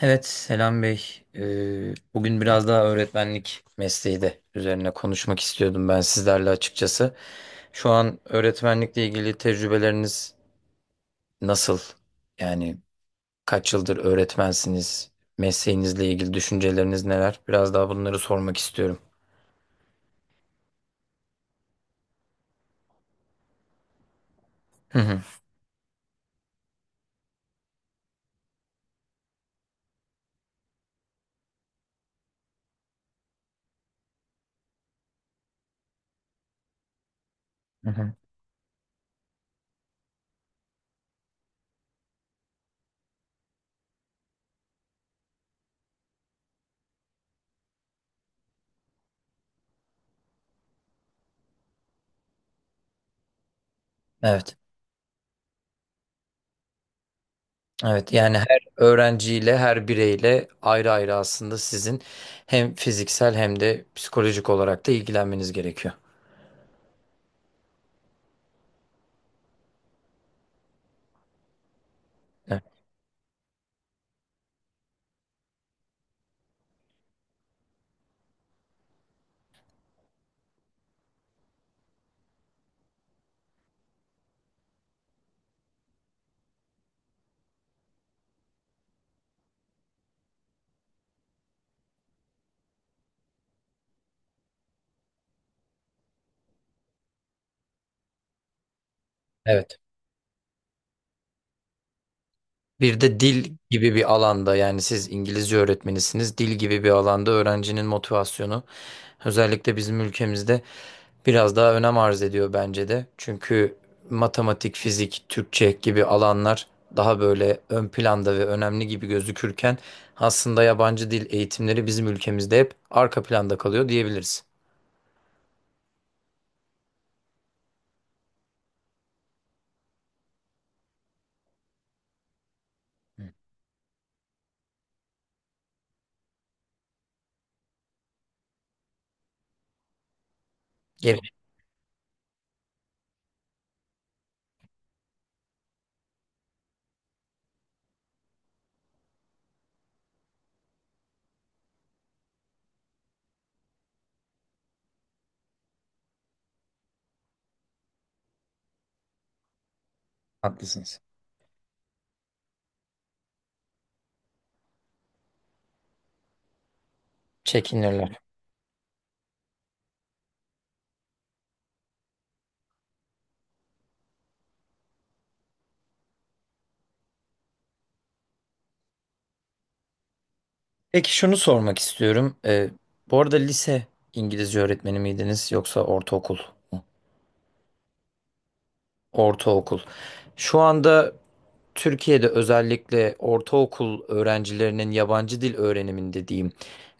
Evet Selam Bey. Bugün biraz daha öğretmenlik mesleği de üzerine konuşmak istiyordum ben sizlerle açıkçası. Şu an öğretmenlikle ilgili tecrübeleriniz nasıl? Yani kaç yıldır öğretmensiniz? Mesleğinizle ilgili düşünceleriniz neler? Biraz daha bunları sormak istiyorum. Hı hı. Hı hı. Evet. Evet, yani her öğrenciyle her bireyle ayrı ayrı aslında sizin hem fiziksel hem de psikolojik olarak da ilgilenmeniz gerekiyor. Evet. Bir de dil gibi bir alanda yani siz İngilizce öğretmenisiniz. Dil gibi bir alanda öğrencinin motivasyonu özellikle bizim ülkemizde biraz daha önem arz ediyor bence de. Çünkü matematik, fizik, Türkçe gibi alanlar daha böyle ön planda ve önemli gibi gözükürken aslında yabancı dil eğitimleri bizim ülkemizde hep arka planda kalıyor diyebiliriz. Geri Haklısınız. Çekinirler. Peki şunu sormak istiyorum. Bu arada lise İngilizce öğretmeni miydiniz yoksa ortaokul? Ortaokul. Şu anda Türkiye'de özellikle ortaokul öğrencilerinin yabancı dil öğreniminde diyeyim,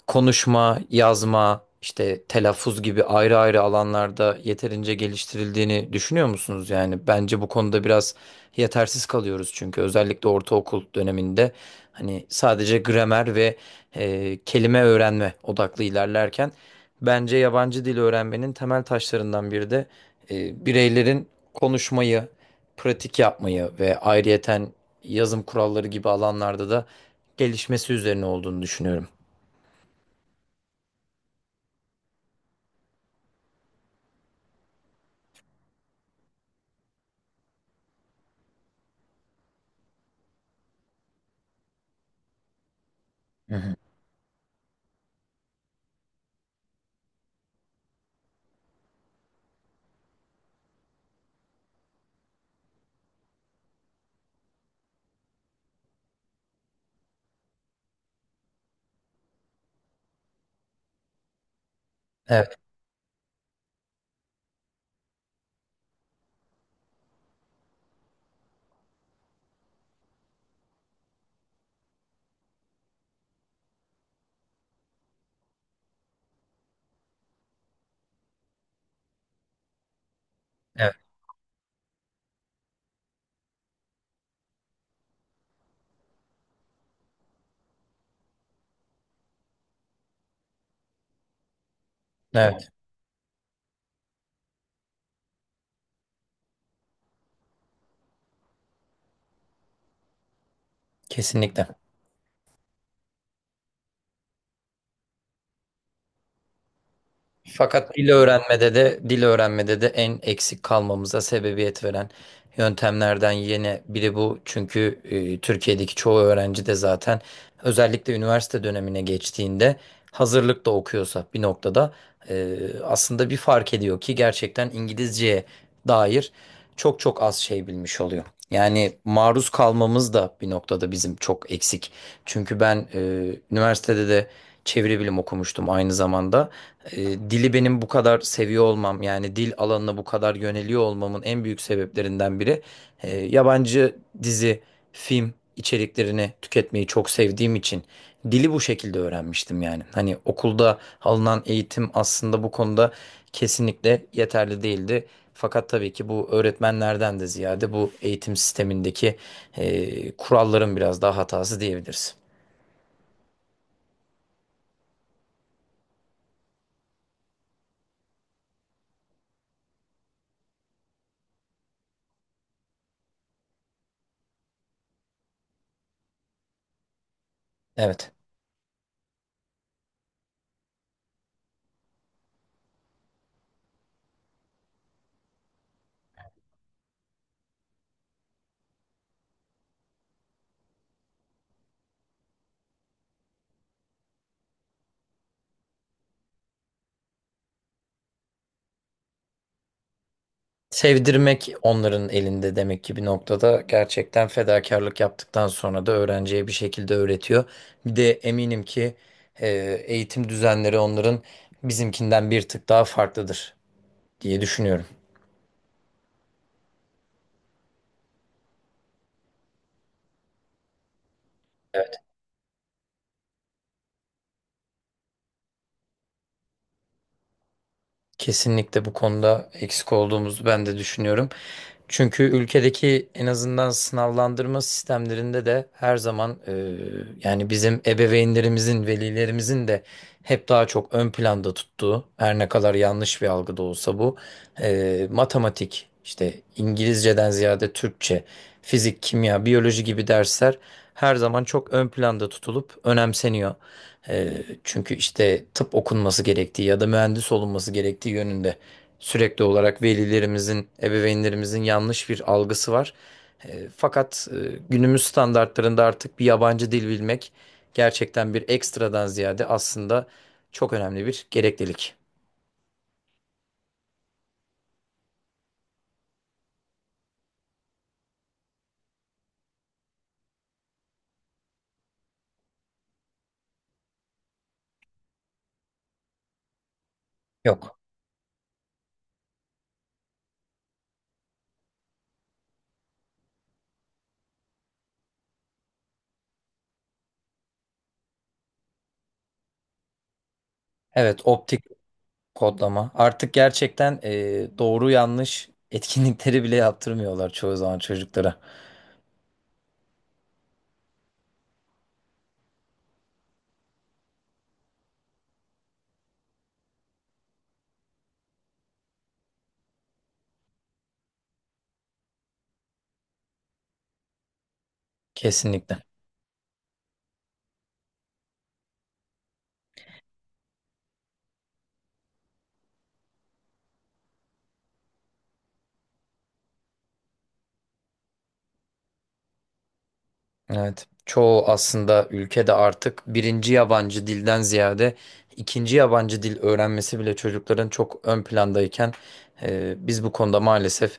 konuşma, yazma, işte telaffuz gibi ayrı ayrı alanlarda yeterince geliştirildiğini düşünüyor musunuz? Yani bence bu konuda biraz yetersiz kalıyoruz çünkü özellikle ortaokul döneminde hani sadece gramer ve kelime öğrenme odaklı ilerlerken bence yabancı dil öğrenmenin temel taşlarından biri de bireylerin konuşmayı, pratik yapmayı ve ayrıyeten yazım kuralları gibi alanlarda da gelişmesi üzerine olduğunu düşünüyorum. Hı hı. Evet, evet, evet, kesinlikle. Fakat dil öğrenmede de en eksik kalmamıza sebebiyet veren yöntemlerden yine biri bu. Çünkü Türkiye'deki çoğu öğrenci de zaten özellikle üniversite dönemine geçtiğinde hazırlık da okuyorsa bir noktada e, aslında bir fark ediyor ki gerçekten İngilizceye dair çok çok az şey bilmiş oluyor. Yani maruz kalmamız da bir noktada bizim çok eksik. Çünkü ben üniversitede de çeviri bilim okumuştum aynı zamanda e, dili benim bu kadar seviyor olmam yani dil alanına bu kadar yöneliyor olmamın en büyük sebeplerinden biri yabancı dizi, film içeriklerini tüketmeyi çok sevdiğim için dili bu şekilde öğrenmiştim yani. Hani okulda alınan eğitim aslında bu konuda kesinlikle yeterli değildi. Fakat tabii ki bu öğretmenlerden de ziyade bu eğitim sistemindeki kuralların biraz daha hatası diyebiliriz. Evet. Sevdirmek onların elinde demek ki bir noktada gerçekten fedakarlık yaptıktan sonra da öğrenciye bir şekilde öğretiyor. Bir de eminim ki e, eğitim düzenleri onların bizimkinden bir tık daha farklıdır diye düşünüyorum. Kesinlikle bu konuda eksik olduğumuzu ben de düşünüyorum. Çünkü ülkedeki en azından sınavlandırma sistemlerinde de her zaman yani bizim ebeveynlerimizin, velilerimizin de hep daha çok ön planda tuttuğu, her ne kadar yanlış bir algı da olsa bu, matematik, işte İngilizceden ziyade Türkçe, fizik, kimya, biyoloji gibi dersler her zaman çok ön planda tutulup önemseniyor. Çünkü işte tıp okunması gerektiği ya da mühendis olunması gerektiği yönünde sürekli olarak velilerimizin, ebeveynlerimizin yanlış bir algısı var. Fakat günümüz standartlarında artık bir yabancı dil bilmek gerçekten bir ekstradan ziyade aslında çok önemli bir gereklilik. Yok. Evet, optik kodlama. Artık gerçekten doğru yanlış etkinlikleri bile yaptırmıyorlar çoğu zaman çocuklara. Kesinlikle. Evet. Çoğu aslında ülkede artık birinci yabancı dilden ziyade ikinci yabancı dil öğrenmesi bile çocukların çok ön plandayken biz bu konuda maalesef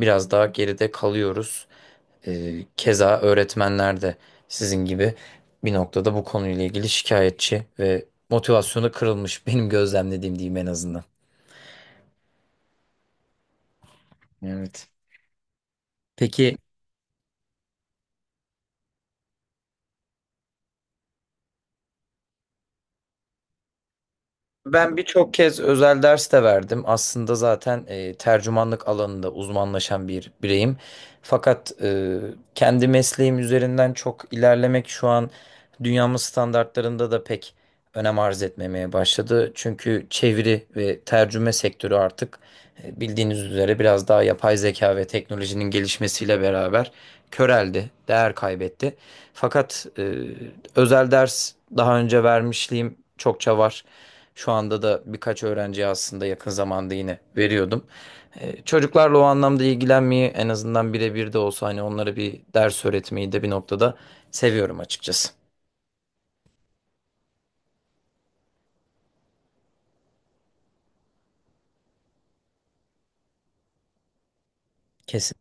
biraz daha geride kalıyoruz. Keza öğretmenler de sizin gibi bir noktada bu konuyla ilgili şikayetçi ve motivasyonu kırılmış benim gözlemlediğim diyeyim en azından. Evet. Peki Ben birçok kez özel ders de verdim. Aslında zaten tercümanlık alanında uzmanlaşan bir bireyim. Fakat kendi mesleğim üzerinden çok ilerlemek şu an dünyamız standartlarında da pek önem arz etmemeye başladı. Çünkü çeviri ve tercüme sektörü artık bildiğiniz üzere biraz daha yapay zeka ve teknolojinin gelişmesiyle beraber köreldi, değer kaybetti. Fakat özel ders daha önce vermişliğim çokça var. Şu anda da birkaç öğrenciye aslında yakın zamanda yine veriyordum. Çocuklarla o anlamda ilgilenmeyi en azından birebir de olsa hani onlara bir ders öğretmeyi de bir noktada seviyorum açıkçası. Kesin.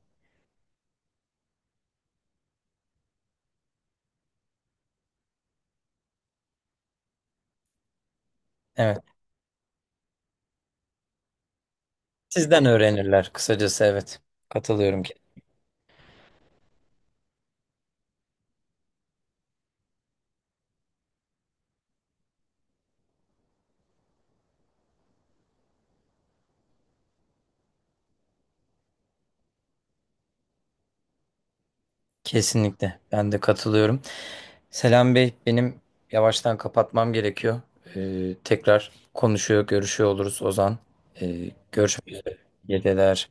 Evet. Sizden öğrenirler kısacası evet. Katılıyorum Kesinlikle. Ben de katılıyorum. Selam Bey, benim yavaştan kapatmam gerekiyor. Tekrar konuşuyor, görüşüyor oluruz Ozan. Görüşmek üzere. Geceler.